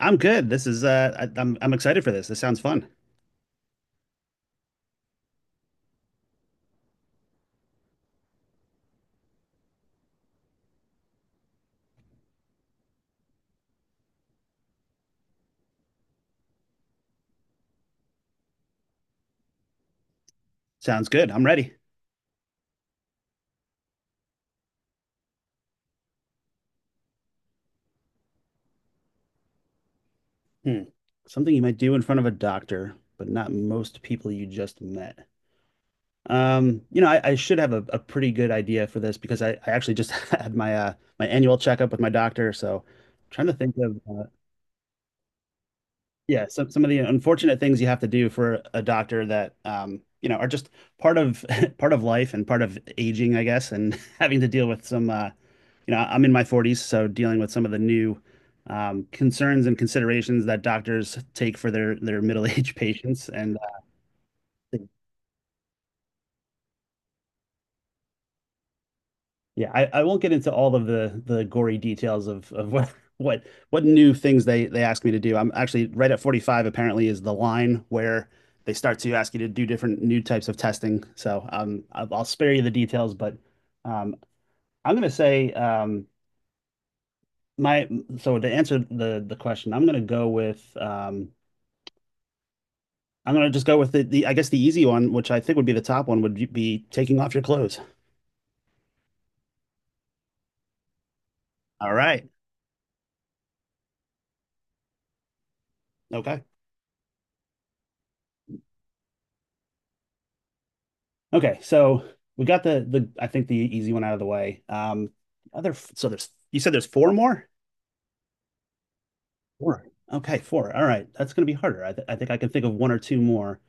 I'm good. This is I'm excited for this. This sounds fun. Sounds good. I'm ready. Hmm. Something you might do in front of a doctor, but not most people you just met. You know, I should have a pretty good idea for this because I actually just had my my annual checkup with my doctor. So trying to think of yeah, some of the unfortunate things you have to do for a doctor that you know, are just part of part of life and part of aging, I guess, and having to deal with some you know, I'm in my 40s, so dealing with some of the new concerns and considerations that doctors take for their middle-aged patients and uh, yeah, I won't get into all of the gory details of what what what new things they ask me to do. I'm actually right at 45 apparently is the line where they start to ask you to do different new types of testing. So I'll spare you the details, but um I'm gonna say my so to answer the question, I'm gonna go with I'm gonna just go with the I guess the easy one, which I think would be the top one, would be taking off your clothes. All right. Okay. Okay, so we got the I think the easy one out of the way. Other so there's you said there's four more? Four. Okay, four. All right, that's going to be harder. I think I can think of one or two more.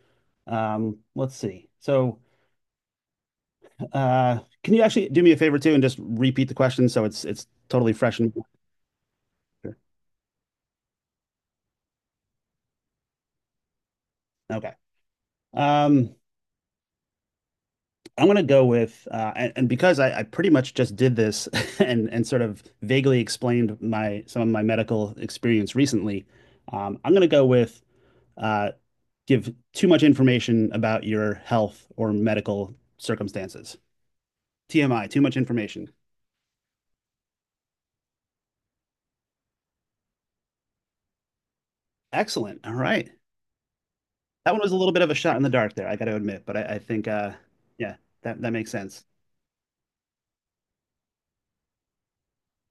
Let's see. So, can you actually do me a favor too and just repeat the question so it's totally fresh and okay. Um, I'm going to go with and because I pretty much just did this and sort of vaguely explained my some of my medical experience recently. I'm going to go with uh, give too much information about your health or medical circumstances. TMI, too much information. Excellent. All right. That one was a little bit of a shot in the dark there, I got to admit, but I think, yeah, that makes sense.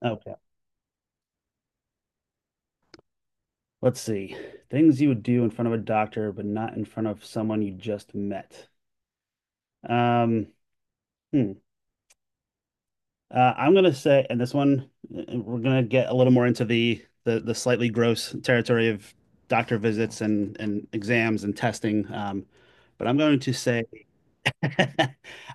Okay. Let's see. Things you would do in front of a doctor, but not in front of someone you just met. Um, hmm. I'm gonna say, and this one, we're gonna get a little more into the slightly gross territory of doctor visits and exams and testing. But I'm going to say, I'm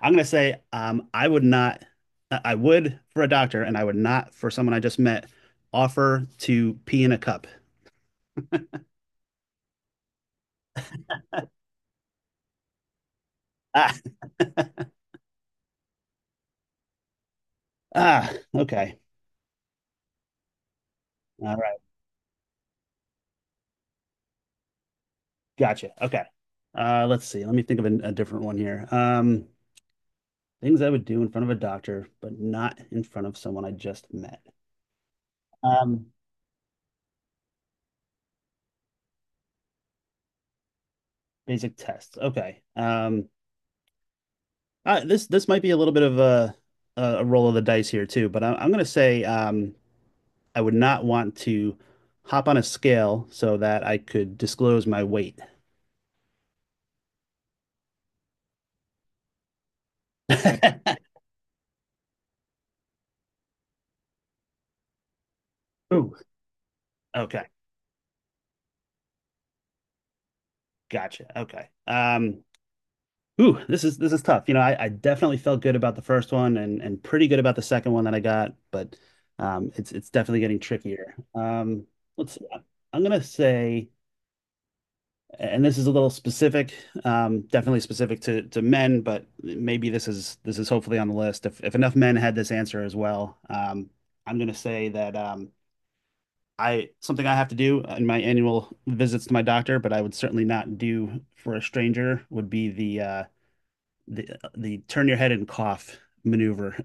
gonna say, I would not, I would for a doctor, and I would not for someone I just met offer to pee in a cup. Ah, ah, okay, all right, gotcha. Okay, let's see. Let me think of a different one here. Things I would do in front of a doctor, but not in front of someone I just met. Um, basic tests. Okay. This might be a little bit of a roll of the dice here too, but I'm gonna say I would not want to hop on a scale so that I could disclose my weight. Ooh. Okay. Gotcha. Okay. Ooh, this is tough. You know, I definitely felt good about the first one and pretty good about the second one that I got, but it's definitely getting trickier. Let's see. I'm gonna say, and this is a little specific, definitely specific to men, but maybe this is hopefully on the list. If enough men had this answer as well, I'm going to say that I something I have to do in my annual visits to my doctor, but I would certainly not do for a stranger, would be the the the turn your head and cough maneuver.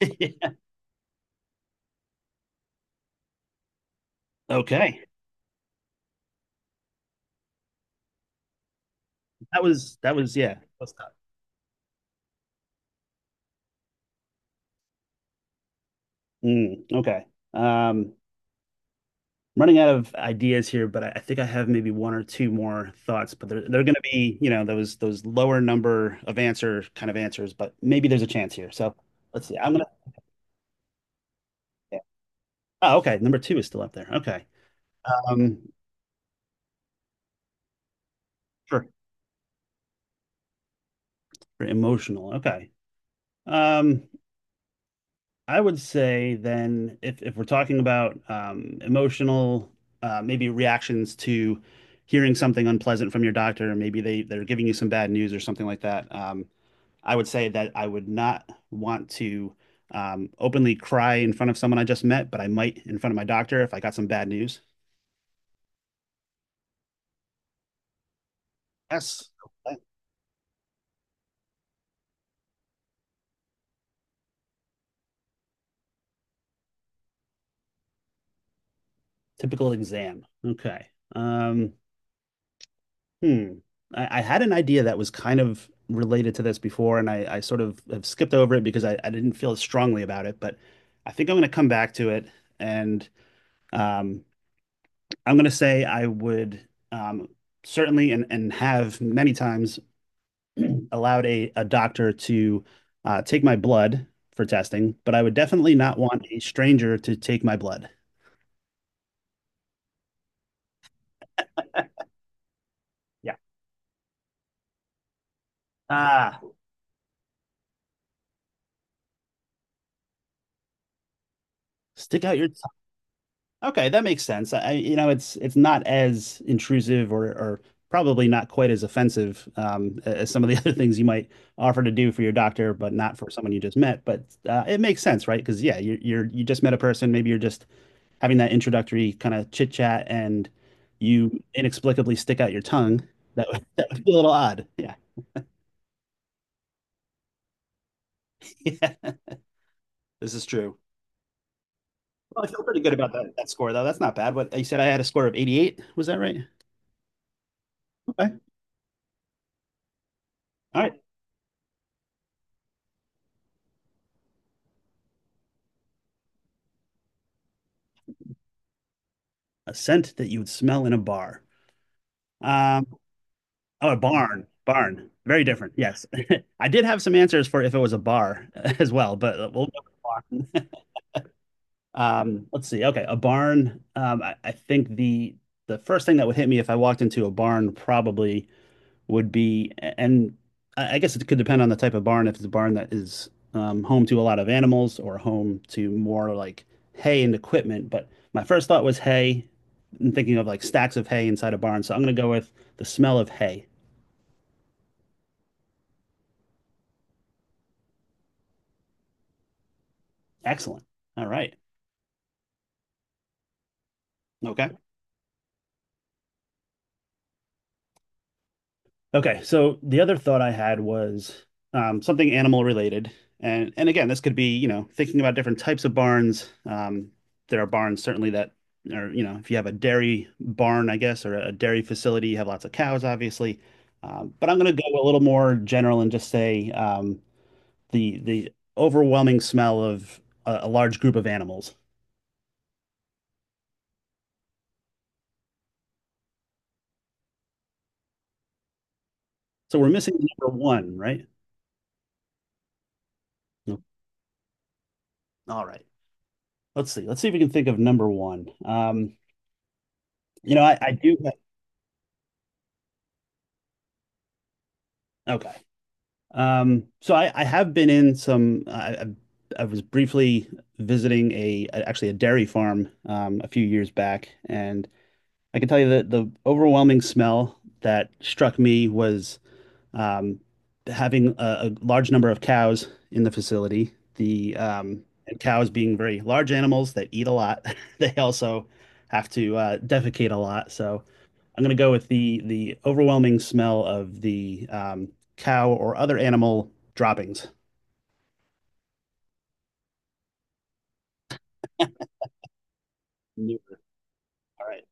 Okay. That was yeah. Let's talk. Mm, okay. Um, I'm running out of ideas here, but I think I have maybe one or two more thoughts. But they're going to be, you know, those lower number of answer kind of answers. But maybe there's a chance here. So let's see. I'm gonna. Yeah. Oh, okay. Number two is still up there. Okay. Um, sure. Very emotional. Okay. Um, I would say then if we're talking about emotional, maybe reactions to hearing something unpleasant from your doctor, maybe they're giving you some bad news or something like that. I would say that I would not want to openly cry in front of someone I just met, but I might in front of my doctor if I got some bad news. Yes. Okay. Typical exam. Okay. Um, hmm. I had an idea that was kind of related to this before, and I sort of have skipped over it because I didn't feel as strongly about it, but I think I'm going to come back to it. And um, I'm going to say I would certainly and have many times allowed a doctor to take my blood for testing, but I would definitely not want a stranger to take my blood. Yeah. Ah, stick out your tongue. Okay, that makes sense. I, you know, it's not as intrusive or probably not quite as offensive as some of the other things you might offer to do for your doctor, but not for someone you just met. But it makes sense, right? Because yeah, you just met a person. Maybe you're just having that introductory kind of chit chat and you inexplicably stick out your tongue, that would, that would be a little odd. Yeah. Yeah. This is true. Well, I feel pretty good about that score, though. That's not bad. What you said, I had a score of 88. Was that right? Okay. All right. A scent that you would smell in a bar. Um, oh, a barn. Barn. Very different. Yes. I did have some answers for if it was a bar as well, but we'll go with um, let's see. Okay, a barn. I think the first thing that would hit me if I walked into a barn probably would be, and I guess it could depend on the type of barn. If it's a barn that is home to a lot of animals or home to more like hay and equipment. But my first thought was hay and thinking of like stacks of hay inside a barn. So I'm going to go with the smell of hay. Excellent. All right. Okay. Okay, so the other thought I had was something animal related, and again, this could be you know thinking about different types of barns. There are barns certainly that are you know if you have a dairy barn, I guess, or a dairy facility, you have lots of cows, obviously. But I'm going to go a little more general and just say the overwhelming smell of a large group of animals. So we're missing number one, right? No. All right. Let's see. Let's see if we can think of number one. You know, I do. Okay. So I have been in some. I was briefly visiting a actually a dairy farm a few years back, and I can tell you that the overwhelming smell that struck me was um, having a large number of cows in the facility. The and cows being very large animals that eat a lot, they also have to defecate a lot. So, I'm going to go with the overwhelming smell of the cow or other animal droppings. All right.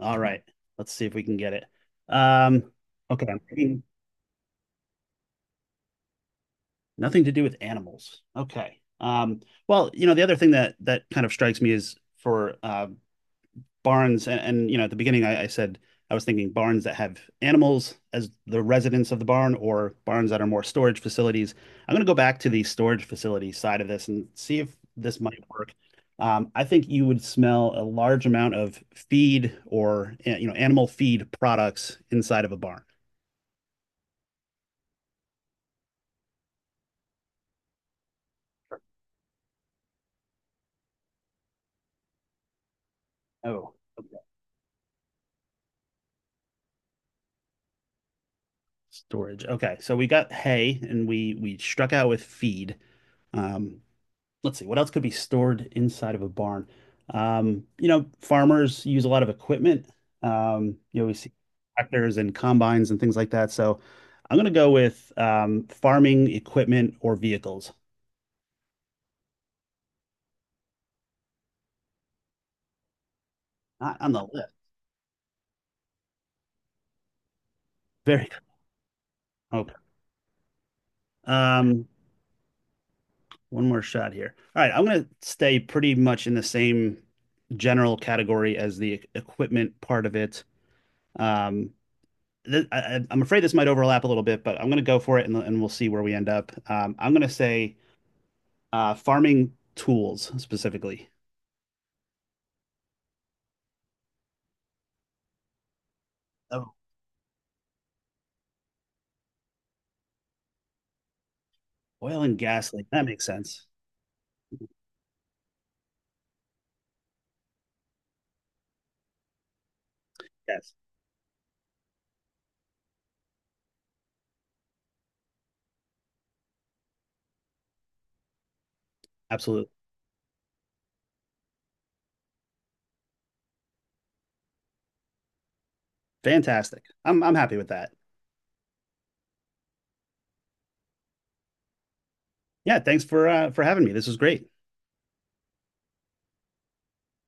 All right. Let's see if we can get it. Um, Okay. I'm thinking nothing to do with animals. Okay. Well, you know, the other thing that that kind of strikes me is for barns and you know at the beginning I said I was thinking barns that have animals as the residents of the barn or barns that are more storage facilities. I'm going to go back to the storage facility side of this and see if this might work. I think you would smell a large amount of feed or you know animal feed products inside of a barn. Oh, storage. Okay, so we got hay and we struck out with feed. Um, let's see, what else could be stored inside of a barn? You know, farmers use a lot of equipment. You know, we see tractors and combines and things like that. So I'm gonna go with farming equipment or vehicles. Not on the list. Very okay. Um, one more shot here. All right, I'm gonna stay pretty much in the same general category as the equipment part of it. Um, I'm afraid this might overlap a little bit, but I'm going to go for it and we'll see where we end up. I'm going to say uh, farming tools specifically. Oh, oil and gas leak. That makes sense. Yes, absolutely. Fantastic. I'm happy with that. Yeah, thanks for having me. This was great.